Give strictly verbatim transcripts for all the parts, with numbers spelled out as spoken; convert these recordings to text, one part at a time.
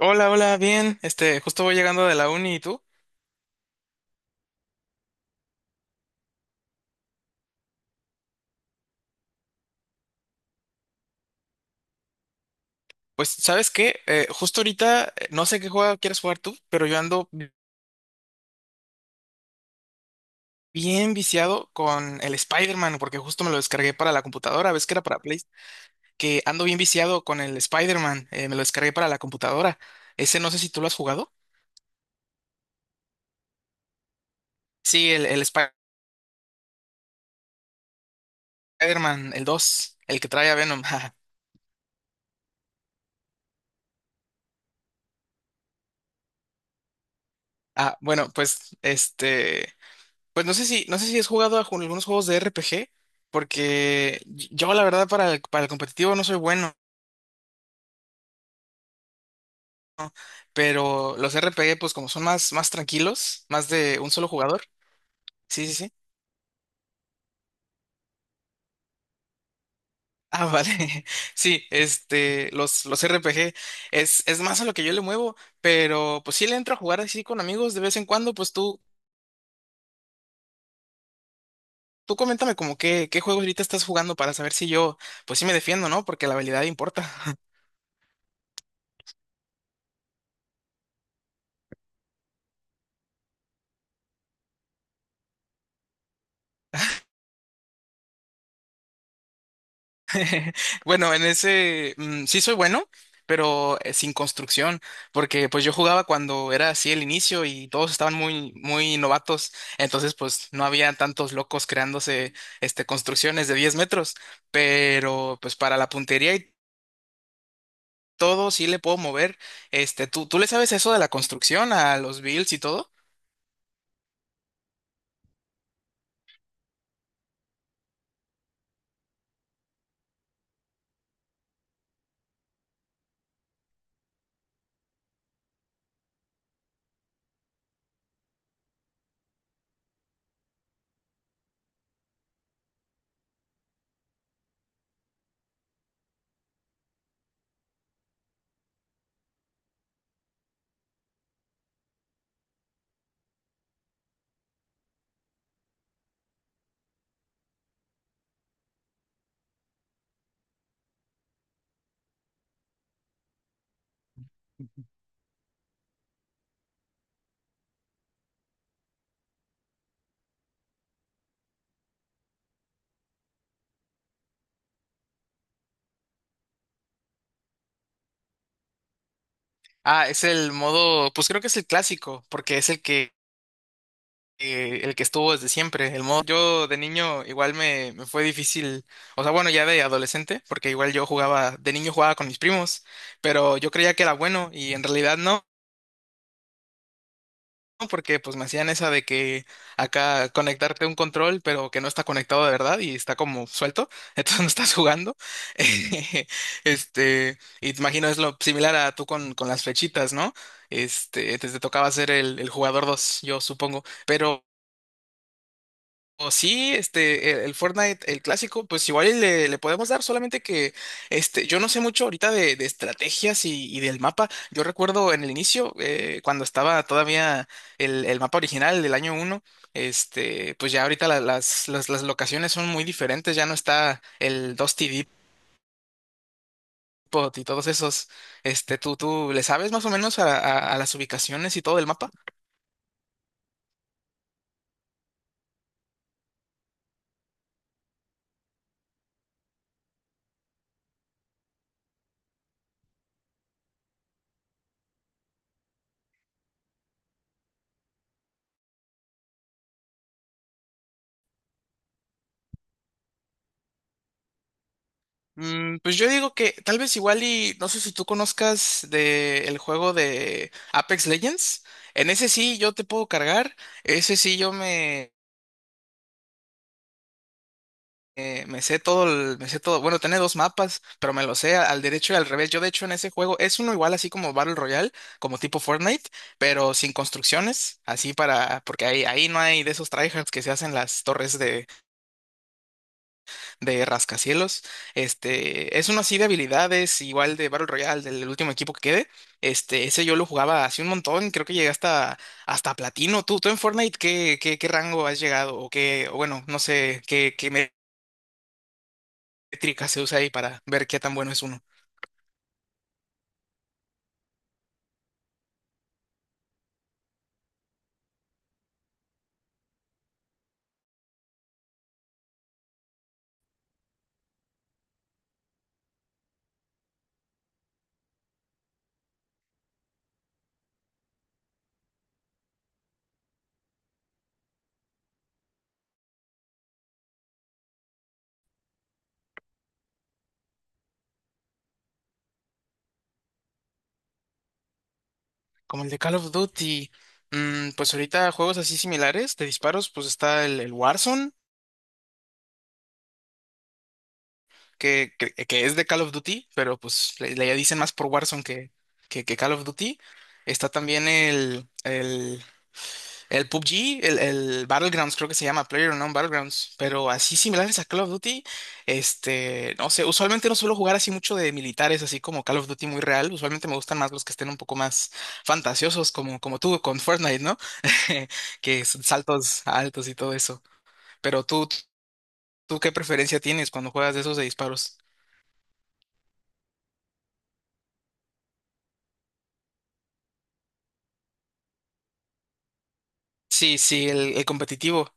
Hola, hola, bien. Este, justo voy llegando de la uni y tú. Pues, ¿sabes qué? Eh, justo ahorita, eh, no sé qué juego quieres jugar tú, pero yo ando bi- bien viciado con el Spider-Man, porque justo me lo descargué para la computadora. ¿Ves que era para Play? Que ando bien viciado con el Spider-Man. Eh, me lo descargué para la computadora. Ese no sé si tú lo has jugado. Sí, el, el Spider-Man, el dos, el que trae a Venom. jaja. Ah, bueno, pues, este. Pues no sé si, no sé si has jugado a ju- algunos juegos de R P G, porque y- yo la verdad para el, para el competitivo no soy bueno, pero los R P G pues como son más, más tranquilos, más de un solo jugador. Sí, sí, sí. Ah, vale. Sí, este, los, los R P G es, es más a lo que yo le muevo, pero pues sí le entro a jugar así con amigos de vez en cuando, pues tú, tú coméntame como qué, qué juego ahorita estás jugando para saber si yo, pues sí me defiendo, ¿no? Porque la habilidad importa. Bueno, en ese mm, sí soy bueno, pero eh, sin construcción, porque pues yo jugaba cuando era así el inicio y todos estaban muy muy novatos, entonces pues no había tantos locos creándose este construcciones de diez metros, pero pues para la puntería y todo sí le puedo mover. Este, ¿tú tú le sabes eso de la construcción a los builds y todo? Ah, es el modo, pues creo que es el clásico, porque es el que eh, el que estuvo desde siempre. El modo, yo de niño igual me, me fue difícil, o sea, bueno, ya de adolescente, porque igual yo jugaba, de niño jugaba con mis primos, pero yo creía que era bueno y en realidad no. Porque pues me hacían esa de que acá conectarte a un control, pero que no está conectado de verdad y está como suelto, entonces no estás jugando. Este, y te imagino es lo similar a tú con, con las flechitas, ¿no? Este, te, te tocaba ser el, el jugador dos yo supongo. Pero o sí, este, el, el Fortnite, el clásico, pues igual y le, le podemos dar, solamente que este, yo no sé mucho ahorita de, de estrategias y, y del mapa. Yo recuerdo en el inicio, eh, cuando estaba todavía el, el mapa original del año uno, este, pues ya ahorita la- las, las, las locaciones son muy diferentes, ya no está el Dusty Depot y todos esos. Este, ¿tú, tú le sabes más o menos a, a a las ubicaciones y todo el mapa? Mm, pues yo digo que tal vez igual y no sé si tú conozcas de el juego de Apex Legends. En ese sí yo te puedo cargar. Ese sí yo me, eh, me sé todo el- me sé todo. Bueno, tiene dos mapas, pero me lo sé a- al derecho y al revés. Yo de hecho en ese juego es uno igual así como Battle Royale, como tipo Fortnite, pero sin construcciones, así para, porque ahí, ahí no hay de esos tryhards que se hacen las torres de Rascacielos. Este, es uno así de habilidades, igual de Battle Royale, del último equipo que quede. Este, ese yo lo jugaba hace un montón, creo que llegué hasta, hasta platino. ¿Tú, tú en Fortnite qué, qué, qué rango has llegado? O qué, o bueno, no sé qué, qué métrica se usa ahí para ver qué tan bueno es uno. Como el de Call of Duty. Mm, pues ahorita juegos así similares de disparos, pues está el, el Warzone. que, que, que es de Call of Duty, pero pues le, le dicen más por Warzone que, que, que Call of Duty. Está también el, el, el P U B G, el, el Battlegrounds, creo que se llama PlayerUnknown's Battlegrounds, pero así similares a Call of Duty, este, no sé, usualmente no suelo jugar así mucho de militares, así como Call of Duty muy real, usualmente me gustan más los que estén un poco más fantasiosos, como, como tú con Fortnite, ¿no? Que son saltos altos y todo eso. Pero tú, ¿tú qué preferencia tienes cuando juegas de esos de disparos? Sí, sí, el, el competitivo.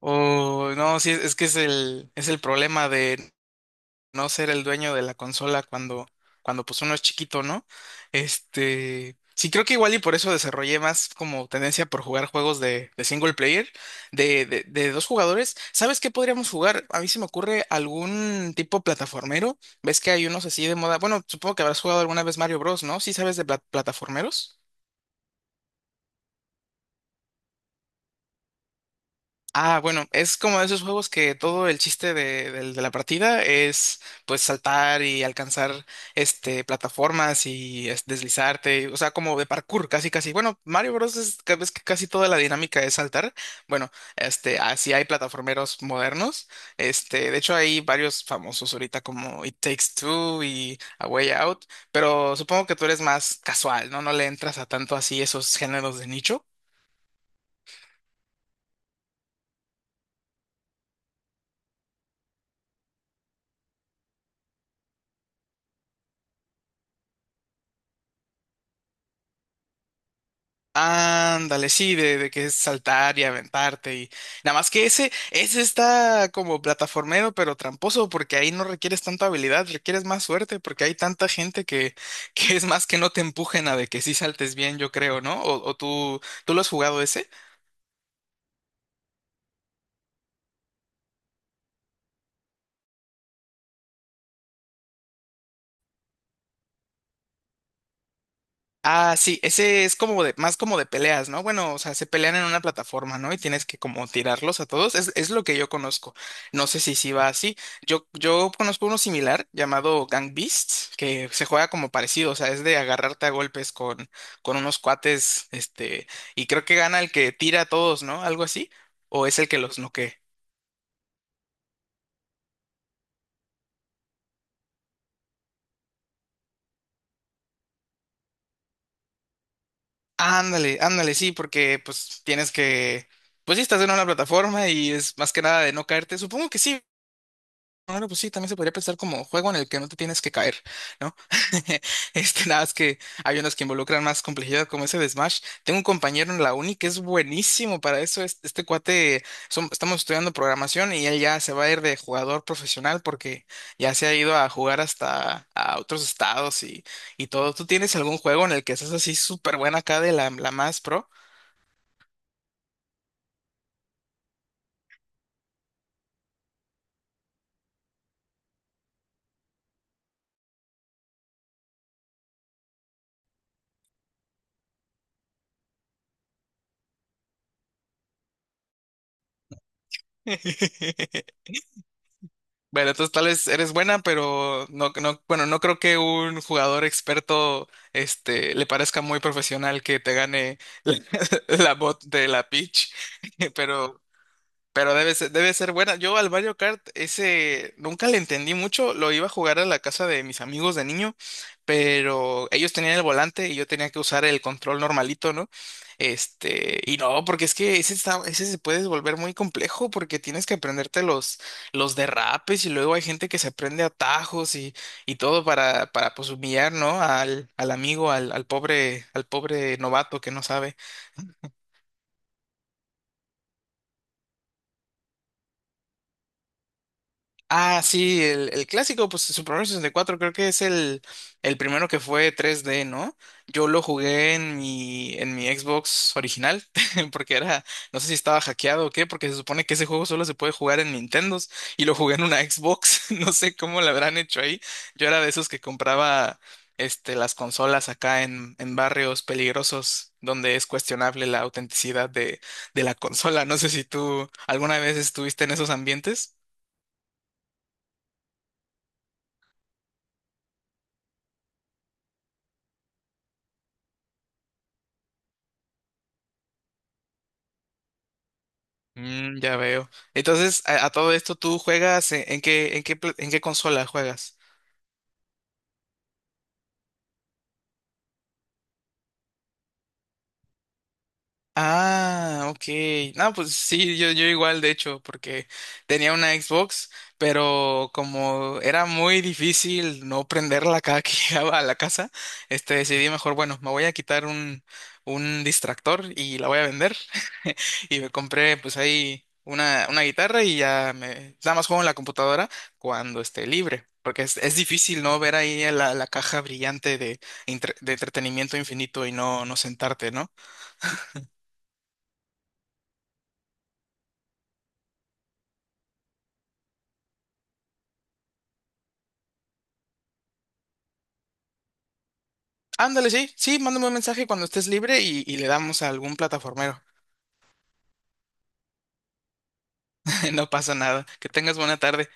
O no, sí, es que es el, es el problema de no ser el dueño de la consola cuando, cuando pues uno es chiquito, ¿no? Este, sí, creo que igual y por eso desarrollé más como tendencia por jugar juegos de, de single player, de, de, de dos jugadores. ¿Sabes qué podríamos jugar? A mí se me ocurre algún tipo plataformero. ¿Ves que hay unos así de moda? Bueno, supongo que habrás jugado alguna vez Mario Bros, ¿no? Sí, sabes de pla- plataformeros. Ah, bueno, es como de esos juegos que todo el chiste de, del- de la partida es pues saltar y alcanzar este plataformas y es- deslizarte, o sea, como de parkour, casi casi. Bueno, Mario Bros. Es ca- ves que casi toda la dinámica es saltar. Bueno, este, así hay plataformeros modernos. Este, de hecho hay varios famosos ahorita como It Takes Two y A Way Out, pero supongo que tú eres más casual, ¿no? No le entras a tanto así esos géneros de nicho. Ándale, sí, de, de que es saltar y aventarte y nada más que ese, ese está como plataformero pero tramposo porque ahí no requieres tanta habilidad, requieres más suerte porque hay tanta gente que, que es más que no te empujen a de que sí saltes bien, yo creo, ¿no? O, o tú, ¿tú lo has jugado ese? Ah, sí, ese es como de, más como de peleas, ¿no? Bueno, o sea, se pelean en una plataforma, ¿no? Y tienes que como tirarlos a todos. Es, es lo que yo conozco. No sé si sí va así. Yo, yo conozco uno similar llamado Gang Beasts, que se juega como parecido, o sea, es de agarrarte a golpes con, con unos cuates, este, y creo que gana el que tira a todos, ¿no? Algo así. O es el que los noquea. Ándale, ándale, sí, porque pues tienes que. Pues sí, estás en una plataforma y es más que nada de no caerte. Supongo que sí. Bueno, pues sí, también se podría pensar como juego en el que no te tienes que caer, ¿no? Este, nada más que hay unos que involucran más complejidad, como ese de Smash. Tengo un compañero en la uni que es buenísimo para eso. es- Este, cuate, som- estamos estudiando programación y él ya se va a ir de jugador profesional porque ya se ha ido a jugar hasta a otros estados y, y todo. ¿Tú tienes algún juego en el que seas así súper buena acá de la, la más pro? Bueno, entonces tal vez eres buena, pero no, no, bueno, no creo que un jugador experto, este, le parezca muy profesional que te gane la, la bot de la pitch. Pero pero debe ser, debe ser buena. Yo al Mario Kart ese nunca le entendí mucho. Lo iba a jugar a la casa de mis amigos de niño, pero ellos tenían el volante y yo tenía que usar el control normalito, ¿no? Este, y no, porque es que ese está, ese se puede volver muy complejo porque tienes que aprenderte los, los derrapes y luego hay gente que se aprende atajos y, y todo para, para pues humillar, ¿no? Al, al amigo, al, al pobre, al pobre novato que no sabe. Ah, sí, el, el clásico, pues Super Mario sesenta y cuatro creo que es el, el primero que fue tres D, ¿no? Yo lo jugué en mi, en mi Xbox original, porque era, no sé si estaba hackeado o qué, porque se supone que ese juego solo se puede jugar en Nintendos, y lo jugué en una Xbox, no sé cómo lo habrán hecho ahí. Yo era de esos que compraba este, las consolas acá en, en barrios peligrosos, donde es cuestionable la autenticidad de, de la consola. No sé si tú alguna vez estuviste en esos ambientes. Mm, ya veo. Entonces, a, a todo esto, ¿tú juegas en, en qué, en qué, pla- en qué consola juegas? Ah, ok. No, pues sí, yo, yo igual, de hecho, porque tenía una Xbox, pero como era muy difícil no prenderla cada que llegaba a la casa, este decidí mejor, bueno, me voy a quitar un, un distractor y la voy a vender. Y me compré pues ahí una, una guitarra y ya me nada más juego en la computadora cuando esté libre. Porque es, es difícil, ¿no? Ver ahí la, la caja brillante de, entre- de entretenimiento infinito y no, no sentarte, ¿no? Ándale, sí, sí, mándame un mensaje cuando estés libre y, y le damos a algún plataformero. No pasa nada. Que tengas buena tarde.